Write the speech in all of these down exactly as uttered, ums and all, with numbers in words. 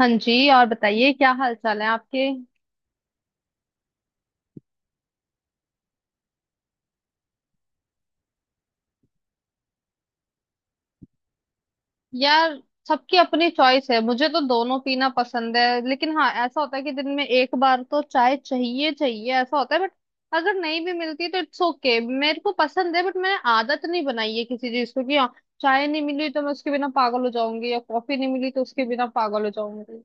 हाँ जी, और बताइए क्या हाल चाल है आपके। यार, सबकी अपनी चॉइस है, मुझे तो दोनों पीना पसंद है। लेकिन हाँ, ऐसा होता है कि दिन में एक बार तो चाय चाहिए चाहिए ऐसा होता है। बट अगर नहीं भी मिलती तो इट्स ओके okay। मेरे को पसंद है, बट मैंने आदत नहीं बनाई है किसी चीज को कि हाँ, चाय नहीं मिली तो मैं उसके बिना पागल हो जाऊंगी, या कॉफी नहीं मिली तो उसके बिना पागल हो जाऊंगी।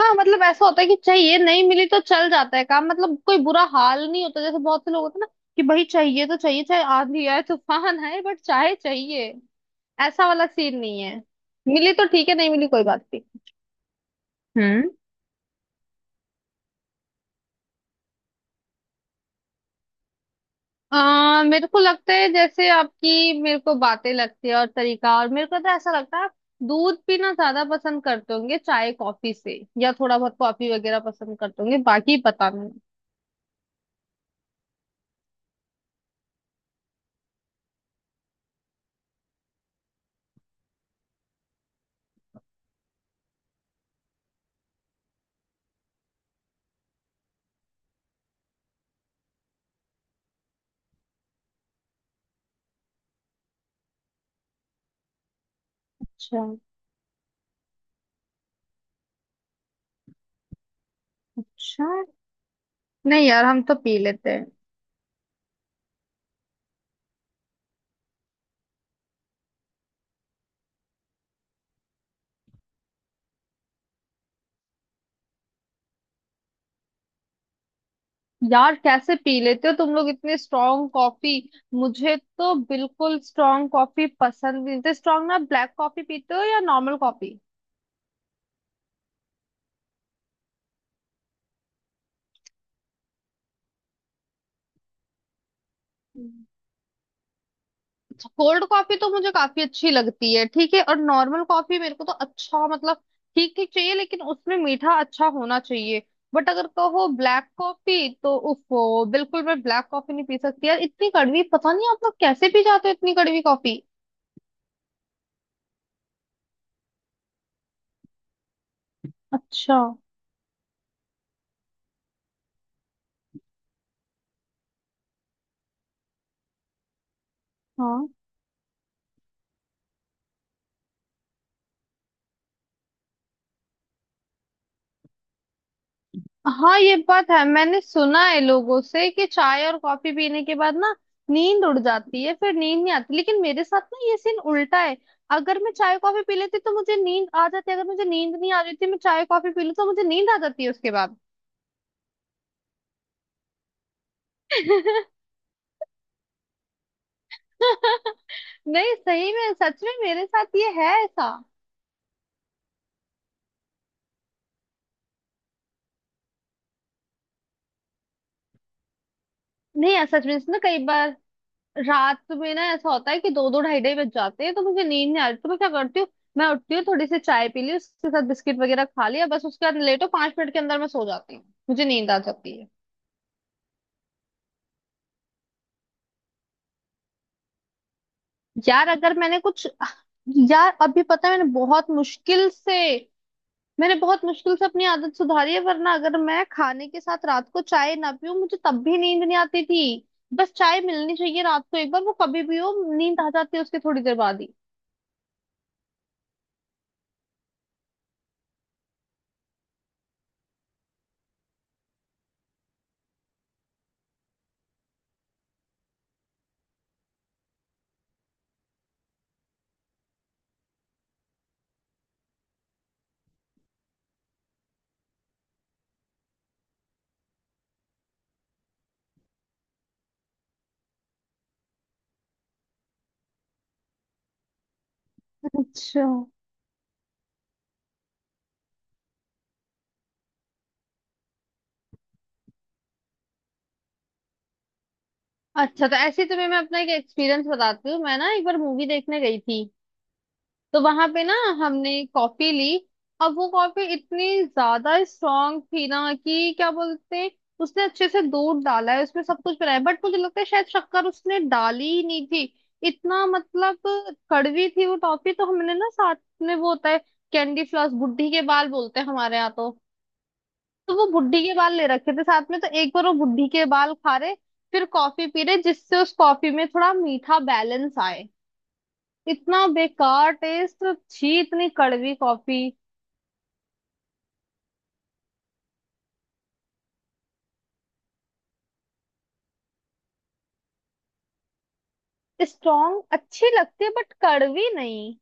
हाँ मतलब ऐसा होता है कि चाहिए, नहीं मिली तो चल जाता है काम। मतलब कोई बुरा हाल नहीं होता, जैसे बहुत से लोग होते हैं ना कि भाई चाहिए तो चाहिए, चाहे आंधी आए तूफान आए, बट चाहे चाहिए। ऐसा वाला सीन नहीं है। मिली तो ठीक है, नहीं मिली कोई बात नहीं। हम्म। आ, मेरे को लगता है जैसे आपकी मेरे को बातें लगती है और तरीका, और मेरे को तो ऐसा लगता है आप दूध पीना ज्यादा पसंद करते होंगे चाय कॉफी से, या थोड़ा बहुत कॉफी वगैरह पसंद करते होंगे, बाकी पता नहीं। अच्छा अच्छा। नहीं यार, हम तो पी लेते हैं। यार कैसे पी लेते हो तुम लोग इतनी स्ट्रांग कॉफी? मुझे तो बिल्कुल स्ट्रांग कॉफी पसंद नहीं। तो स्ट्रांग ना, ब्लैक कॉफी पीते हो या नॉर्मल कॉफी? कोल्ड कॉफी तो मुझे काफी अच्छी लगती है, ठीक है, और नॉर्मल कॉफी मेरे को तो अच्छा मतलब ठीक ठीक चाहिए, लेकिन उसमें मीठा अच्छा होना चाहिए। बट अगर कहो ब्लैक कॉफी, तो उफो, बिल्कुल मैं ब्लैक कॉफी नहीं पी सकती यार। इतनी कड़वी, पता नहीं आप लोग कैसे पी जाते हो इतनी कड़वी कॉफी। अच्छा। हाँ हाँ, ये बात है। मैंने सुना है लोगों से कि चाय और कॉफी पीने के बाद ना नींद उड़ जाती है, फिर नींद नहीं आती। लेकिन मेरे साथ ना ये सीन उल्टा है। अगर मैं चाय कॉफी पी लेती तो मुझे नींद आ जाती। अगर मुझे नींद नहीं आ रही थी, मैं चाय कॉफी पी लूँ तो मुझे नींद आ जाती है उसके बाद। नहीं सही में, सच में मेरे साथ ये है ऐसा। नहीं है, सच में। इसमें कई बार रात में ना ऐसा होता है कि दो दो ढाई ढाई बज जाते हैं, तो मुझे नींद नहीं आ रही, तो मैं क्या करती हूँ, मैं उठती हूँ, थोड़ी सी चाय पी ली, उसके साथ बिस्किट वगैरह खा लिया, बस उसके बाद लेटो, पांच मिनट के अंदर मैं सो जाती हूँ, मुझे नींद आ जाती है। यार अगर मैंने कुछ यार अभी पता है मैंने बहुत मुश्किल से मैंने बहुत मुश्किल से अपनी आदत सुधारी है, वरना अगर मैं खाने के साथ रात को चाय ना पीऊं, मुझे तब भी नींद नहीं आती थी। बस चाय मिलनी चाहिए रात को एक बार, वो कभी भी हो, नींद आ जाती है उसके थोड़ी देर बाद ही। अच्छा अच्छा। तो ऐसे ही तुम्हें मैं अपना एक एक्सपीरियंस बताती हूँ। मैं ना एक बार मूवी देखने गई थी, तो वहां पे ना हमने कॉफी ली। अब वो कॉफी इतनी ज्यादा स्ट्रांग थी ना कि क्या बोलते हैं, उसने अच्छे से दूध डाला है उसमें, सब कुछ बनाया, बट मुझे लगता है शायद शक्कर उसने डाली ही नहीं थी। इतना मतलब कड़वी थी वो टॉफी, तो हमने ना साथ में, वो होता है कैंडी फ्लॉस, बुढ़ी के बाल बोलते हैं हमारे यहाँ तो तो वो बुढ़ी के बाल ले रखे थे साथ में। तो एक बार वो बुढ़ी के बाल खा रहे, फिर कॉफी पी रहे, जिससे उस कॉफी में थोड़ा मीठा बैलेंस आए। इतना बेकार टेस्ट, छी, इतनी कड़वी कॉफी। स्ट्रॉन्ग अच्छी लगती है, बट कड़वी नहीं।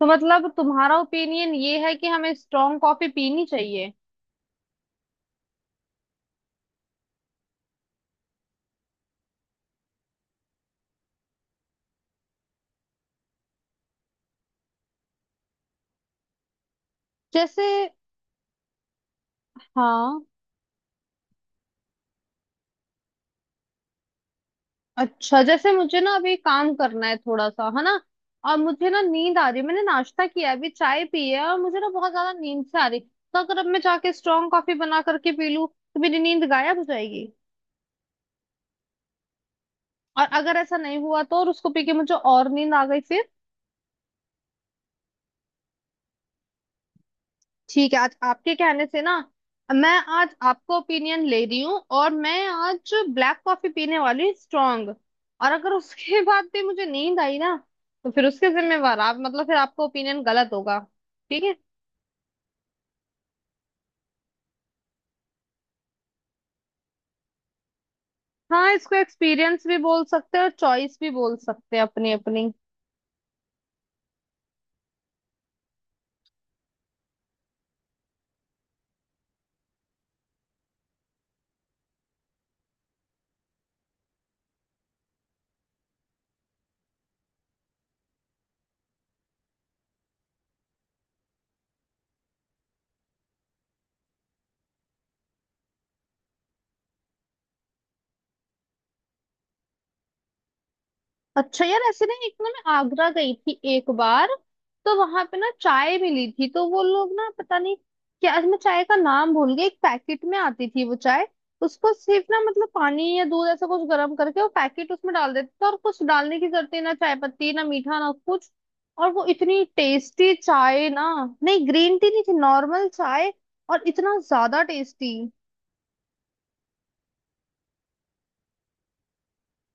तो मतलब तुम्हारा ओपिनियन ये है कि हमें स्ट्रॉन्ग कॉफी पीनी चाहिए? जैसे? हाँ। अच्छा, जैसे मुझे ना अभी काम करना है थोड़ा सा, है ना, और मुझे ना नींद आ रही है। मैंने नाश्ता किया है, अभी चाय पी है, और मुझे ना बहुत ज्यादा नींद से आ रही, तो अगर अब मैं जाके स्ट्रॉन्ग कॉफी बना करके पी लूं, तो मेरी नींद गायब हो जाएगी। और अगर ऐसा नहीं हुआ तो? और उसको पी के मुझे और नींद आ गई फिर? ठीक है, आज आपके कहने से ना, मैं, आज आपको ओपिनियन ले रही हूँ, और मैं आज ब्लैक कॉफी पीने वाली, स्ट्रॉन्ग। और अगर उसके बाद भी मुझे नींद आई ना, तो फिर उसके जिम्मेवार आप, मतलब फिर आपका ओपिनियन गलत होगा, ठीक है? हाँ, इसको एक्सपीरियंस भी बोल सकते हैं और चॉइस भी बोल सकते हैं, अपनी अपनी। अच्छा यार, ऐसे ना, एक ना, मैं आगरा गई थी एक बार, तो वहां पे ना चाय मिली थी, तो वो लोग ना पता नहीं क्या, मैं चाय का नाम भूल गई, एक पैकेट में आती थी वो चाय। उसको सिर्फ ना मतलब पानी या दूध ऐसा कुछ गर्म करके वो पैकेट उसमें डाल देते थे, और कुछ डालने की जरूरत ही ना, चाय पत्ती ना, मीठा ना, कुछ। और वो इतनी टेस्टी चाय ना। नहीं, ग्रीन टी नहीं थी, नॉर्मल चाय, और इतना ज्यादा टेस्टी।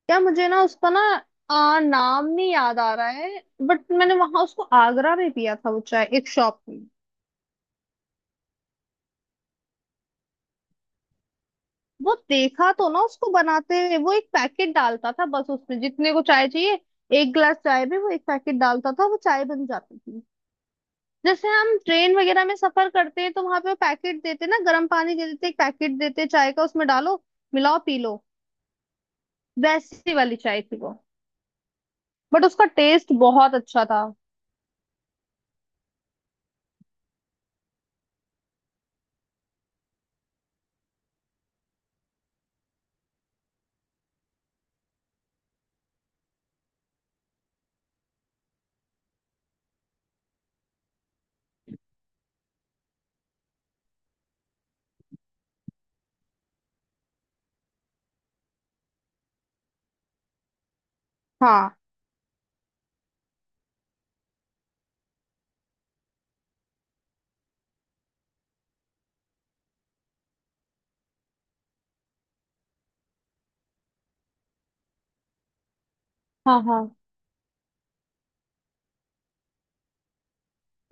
क्या, मुझे ना उसका ना आ, नाम नहीं याद आ रहा है। बट मैंने वहां उसको आगरा में पिया था वो चाय, एक शॉप में। वो देखा तो ना उसको बनाते हुए, वो एक पैकेट डालता था बस, उसमें जितने को चाय चाहिए। एक गिलास चाय में वो एक पैकेट डालता था, वो चाय बन जाती थी। जैसे हम ट्रेन वगैरह में सफर करते हैं तो वहां पे वो पैकेट देते हैं ना, गर्म पानी के देते हैं, एक पैकेट देते हैं चाय का, उसमें डालो, मिलाओ, पी लो। वैसी वाली चाय थी वो, बट उसका टेस्ट बहुत अच्छा था। हाँ हाँ हाँ।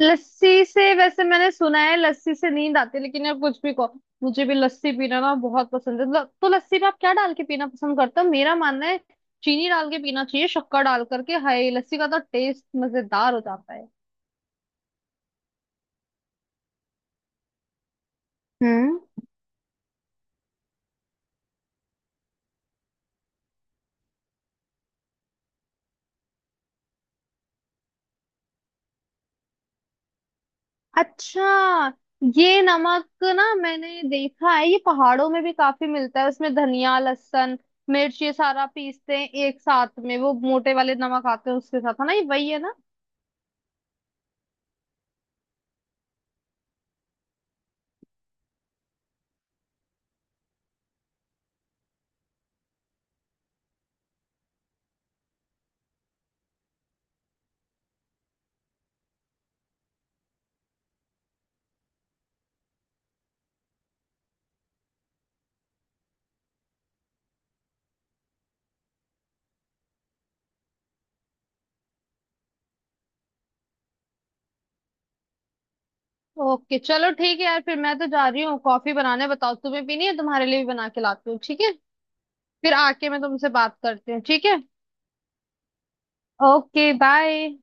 लस्सी से वैसे मैंने सुना है लस्सी से नींद आती है, लेकिन यार कुछ भी कहो, मुझे भी लस्सी पीना ना बहुत पसंद है। ल- तो लस्सी में आप क्या डाल के पीना पसंद करते हो? मेरा मानना है चीनी डाल के पीना चाहिए, शक्कर डाल करके, हाय, लस्सी का तो टेस्ट मजेदार हो जाता है। हम्म। अच्छा, ये नमक ना मैंने देखा है, ये पहाड़ों में भी काफी मिलता है। उसमें धनिया, लहसुन, मिर्च, ये सारा पीसते हैं एक साथ में, वो मोटे वाले नमक आते हैं उसके साथ, है ना, ये वही है ना। ओके, चलो ठीक है यार, फिर मैं तो जा रही हूँ कॉफी बनाने। बताओ तुम्हें पीनी है? तुम्हारे लिए भी बना के लाती हूँ, ठीक है? फिर आके मैं तुमसे बात करती हूँ, ठीक है। Okay bye.